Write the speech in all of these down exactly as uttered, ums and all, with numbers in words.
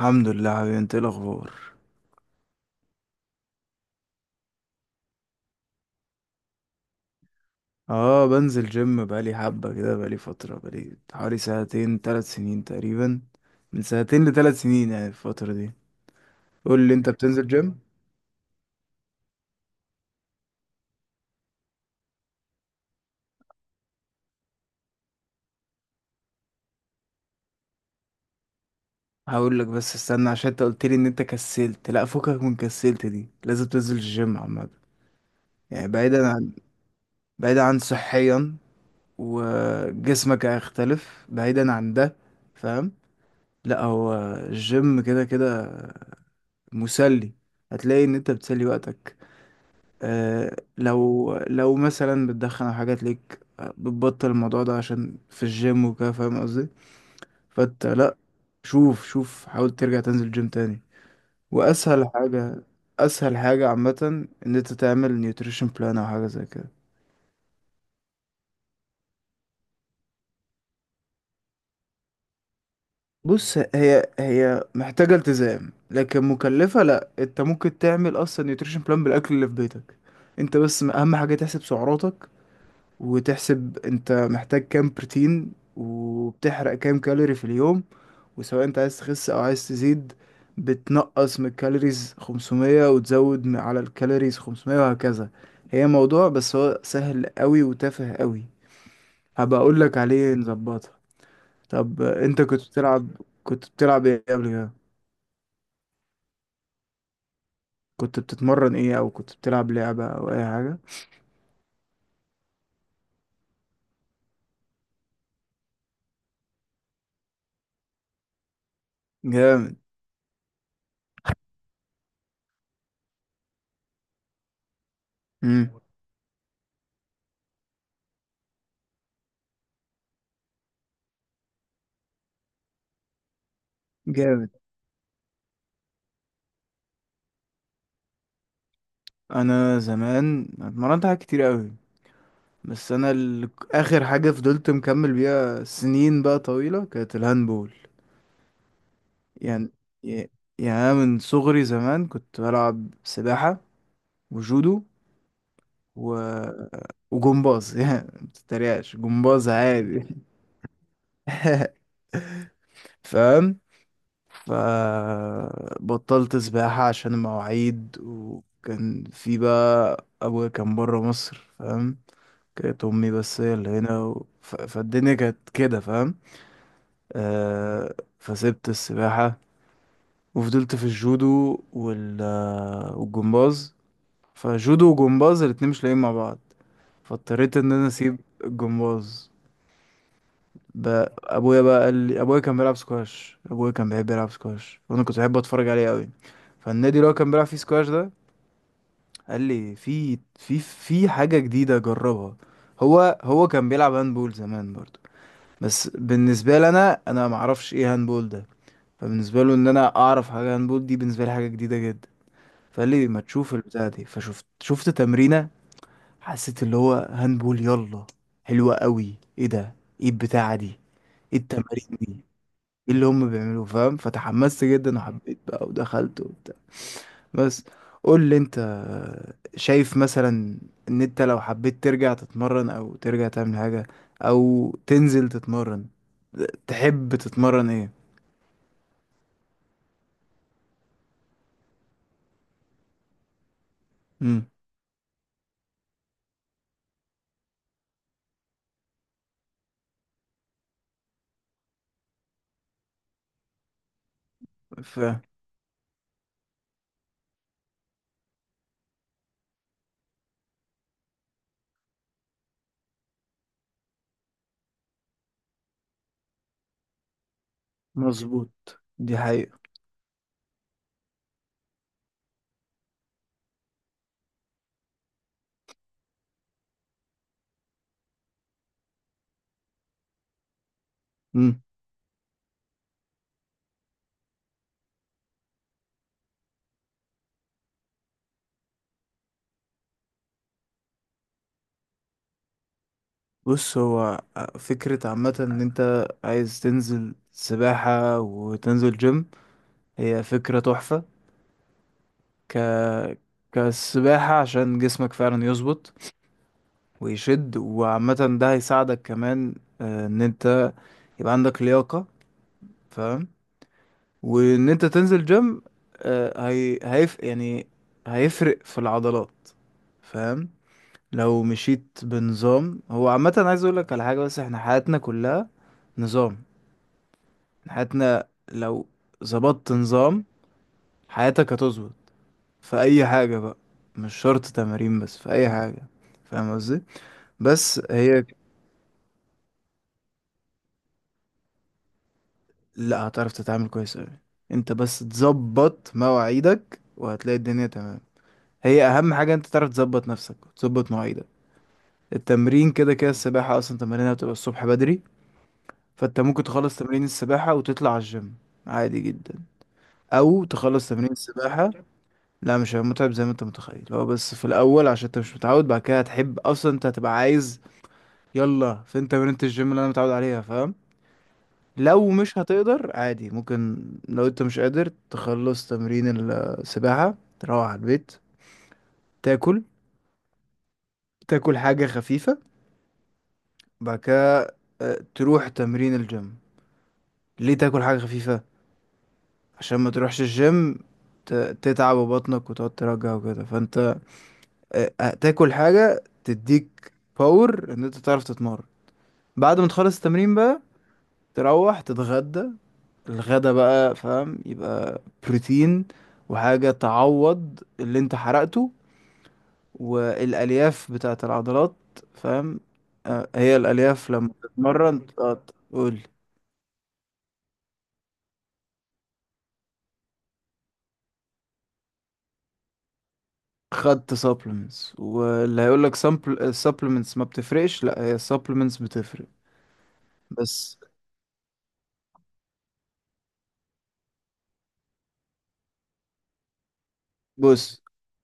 الحمد لله حبيبي، انت ايه الاخبار؟ اه، بنزل جيم بقالي حبة كده، بقالي فترة، بقالي حوالي سنتين ثلاث سنين تقريبا، من سنتين لثلاث سنين يعني الفترة دي. قول لي انت، بتنزل جيم؟ هقول لك، بس استنى عشان انت قلت لي ان انت كسلت. لا، فكك من كسلت دي، لازم تنزل الجيم عامة. يعني بعيدا عن، بعيدا عن صحيا، وجسمك هيختلف، بعيدا عن ده، فاهم؟ لا، هو الجيم كده كده مسلي، هتلاقي ان انت بتسلي وقتك. آه، لو لو مثلا بتدخن او حاجات ليك، آه، بتبطل الموضوع ده عشان في الجيم وكده، فاهم قصدي؟ فانت لا، شوف شوف، حاول ترجع تنزل جيم تاني. واسهل حاجة، اسهل حاجة عامة، ان انت تعمل نيوتريشن بلان او حاجة زي كده. بص، هي هي محتاجة التزام، لكن مكلفة لا، انت ممكن تعمل اصلا نيوتريشن بلان بالاكل اللي في بيتك. انت بس اهم حاجة تحسب سعراتك، وتحسب انت محتاج كام بروتين، وبتحرق كام كالوري في اليوم. وسواء انت عايز تخس او عايز تزيد، بتنقص من الكالوريز خمسمية، وتزود من- على الكالوريز خمسمية وهكذا. هي موضوع بس هو سهل قوي وتافه قوي، هبقى اقول لك عليه نظبطها. طب انت كنت بتلعب، كنت بتلعب ايه قبل كده؟ كنت بتتمرن ايه، او كنت بتلعب لعبة او اي حاجة؟ جامد. امم. جامد. انا زمان اتمرنت حاجات كتير قوي، بس انا ال... اخر حاجه فضلت مكمل بيها سنين بقى طويله كانت الهاندبول. يعني، ي- يعني أنا من صغري زمان كنت بلعب سباحه، وجودو، و... وجمباز يعني ما تتريقش، جمباز عادي. فاهم؟ فبطلت سباحه عشان المواعيد، وكان في بقى ابويا كان بره مصر، فاهم؟ كانت امي بس هي اللي هنا، و... ف... فالدنيا كانت كده، فاهم؟ آه، فسبت السباحة، وفضلت في الجودو وال آه، والجمباز. فجودو وجمباز الاتنين مش لاقيين مع بعض، فاضطريت ان انا اسيب الجمباز. ب- ابويا بقى قال لي، ابويا كان بيلعب سكواش، ابويا كان بيحب يلعب سكواش، وانا كنت بحب اتفرج عليه قوي. فالنادي اللي هو كان بيلعب فيه سكواش ده، قال لي في في في حاجة جديدة جربها. هو هو كان بيلعب هاندبول زمان برضه، بس بالنسبة لي انا، انا معرفش ايه هاندبول ده. فبالنسبه له ان انا اعرف حاجه هاندبول، دي بالنسبه لي حاجه جديده جدا. فقال لي ما تشوف البتاعه دي، فشفت، شفت تمرينه، حسيت اللي هو هاندبول يلا حلوه قوي، ايه ده؟ ايه البتاعه دي؟ ايه التمارين دي؟ ايه اللي هم بيعملوه؟ فاهم؟ فتحمست جدا وحبيت بقى ودخلت وبتاع. بس، قول لي انت، شايف مثلا، ان انت لو حبيت ترجع تتمرن، او ترجع تعمل حاجة، او تنزل تتمرن، تحب تتمرن ايه؟ امم. مظبوط، دي حقيقة. مم. بص، هو آه، فكرة عامة ان انت عايز تنزل سباحة وتنزل جيم، هي فكرة تحفة. ك كالسباحة عشان جسمك فعلا يظبط ويشد، وعامة ده هيساعدك كمان، آه، ان انت يبقى عندك لياقة، فاهم؟ وان انت تنزل جيم، آه، هي... هيف... يعني هيفرق في العضلات، فاهم؟ لو مشيت بنظام، هو عامة عايز اقول لك على حاجة بس، احنا حياتنا كلها نظام. حياتنا لو ظبطت نظام، حياتك هتظبط في اي حاجة بقى، مش شرط تمارين بس، في اي حاجة، فاهم قصدي؟ بس هي لا، هتعرف تتعامل كويس اوي، انت بس تظبط مواعيدك وهتلاقي الدنيا تمام. هي اهم حاجة انت تعرف تظبط نفسك وتظبط مواعيدك. التمرين كده كده، السباحة اصلا تمارينها بتبقى الصبح بدري، فانت ممكن تخلص تمرين السباحة وتطلع على الجيم، عادي جدا. او تخلص تمرين السباحة، لا مش هيبقى متعب زي ما انت متخيل، هو بس في الاول عشان انت مش متعود، بعد كده هتحب اصلا، انت هتبقى عايز يلا فين تمرينة الجيم اللي انا متعود عليها، فاهم؟ لو مش هتقدر عادي، ممكن، لو انت مش قادر تخلص تمرين ال- السباحة، تروح على البيت، تاكل، تاكل حاجة خفيفة، بعد كده آه، تروح تمرين الجيم. ليه تاكل حاجة خفيفة؟ عشان ما تروحش الجيم ت- تتعب بطنك وتقعد ترجع وكده. فانت آه، آه، تاكل حاجة تديك باور ان انت تعرف تتمرن. بعد ما تخلص التمرين بقى تروح تتغدى، الغدا بقى، فاهم؟ يبقى بروتين وحاجة تعوض اللي انت حرقته، والألياف بتاعة العضلات، فاهم؟ آه، هي الألياف لما تتمرن، آه، تقول. خدت supplements واللي هيقول لك supplements ما بتفرقش، لا، هي supplements بتفرق. بس، بص،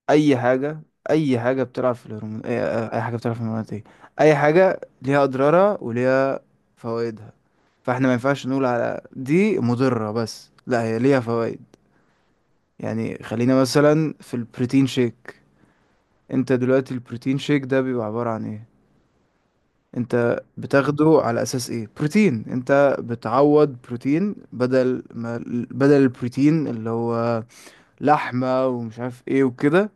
اي حاجه اي حاجه بتلعب في الهرمون، اي أي حاجه بتلعب في الهرمونات ايه، اي حاجه ليها اضرارها وليها فوائدها. فاحنا ما ينفعش نقول على دي مضره بس، لا، هي ليها فوائد. يعني خلينا مثلا في البروتين شيك، انت دلوقتي البروتين شيك ده بيبقى عباره عن ايه؟ انت بتاخده على اساس ايه؟ بروتين، انت بتعوض بروتين، بدل ما بدل البروتين اللي هو لحمة ومش عارف ايه وكده،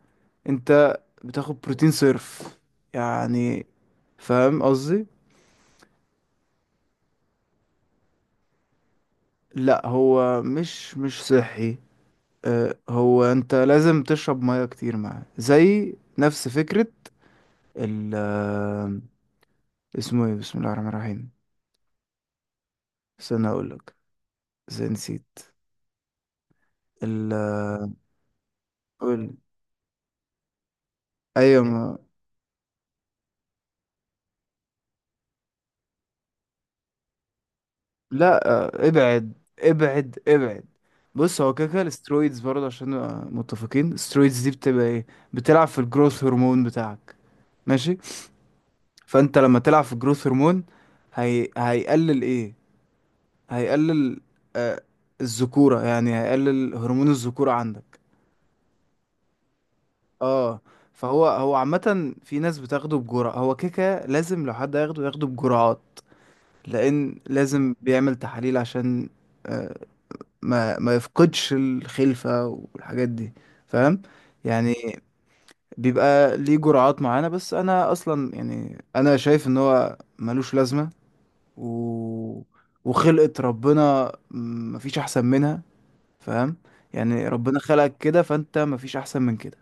انت بتاخد بروتين صرف يعني، فاهم قصدي؟ لا، هو مش مش صحي. اه، هو انت لازم تشرب ميه كتير معاه، زي نفس فكرة ال آه، اسمه ايه؟ بسم الله الرحمن الرحيم، استنى اقولك، زي، نسيت. ال آه، قول. ايوه، ما لا آه، ابعد ابعد ابعد. بص، هو كده كده الاسترويدز برضه، عشان نبقى متفقين، الاسترويدز دي بتبقى ايه؟ بتلعب في الجروث هرمون بتاعك، ماشي؟ فانت لما تلعب في الجروث هرمون، هي... هيقلل ايه؟ هيقلل آه الذكورة، يعني هيقلل هرمون الذكورة عندك. اه فهو، هو عامة في ناس بتاخده بجرعة، هو كيكة، لازم لو حد هياخده ياخده بجرعات، لأن لازم بيعمل تحاليل عشان آه، ما ما يفقدش الخلفة والحاجات دي، فاهم؟ يعني بيبقى ليه جرعات معينة، بس انا اصلا يعني انا شايف ان هو ملوش لازمة. و... وخلقة ربنا مفيش احسن منها، فاهم؟ يعني ربنا خلقك كده، فانت مفيش احسن من كده.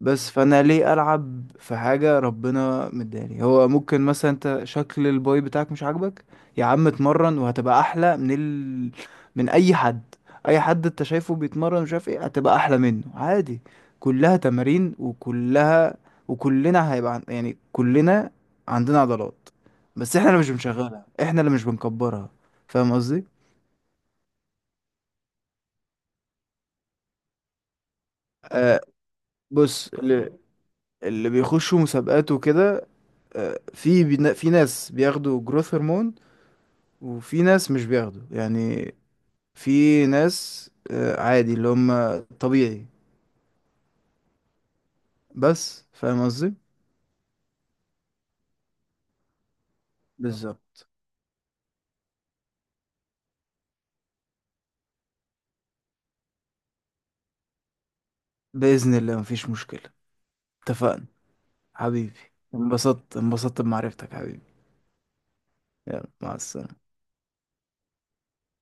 بس فانا ليه العب في حاجه ربنا مداني؟ هو ممكن مثلا انت شكل الباي بتاعك مش عاجبك، يا عم اتمرن وهتبقى احلى من ال... من اي حد. اي حد انت شايفه بيتمرن مش عارف ايه هتبقى احلى منه عادي، كلها تمارين وكلها، وكلنا هيبقى عن... يعني كلنا عندنا عضلات، بس احنا اللي مش بنشغلها، احنا اللي مش بنكبرها، فاهم قصدي؟ آه. بص، اللي, اللي بيخشوا مسابقات وكده، آه، في بينا- في ناس بياخدوا جروث هرمون، وفي ناس مش بياخدوا يعني. في ناس آه، عادي، اللي هم طبيعي. بس، فاهم قصدي؟ بالظبط. بإذن الله مفيش مشكلة. اتفقنا حبيبي. انبسطت، انبسطت بمعرفتك حبيبي. يلا، مع السلامة.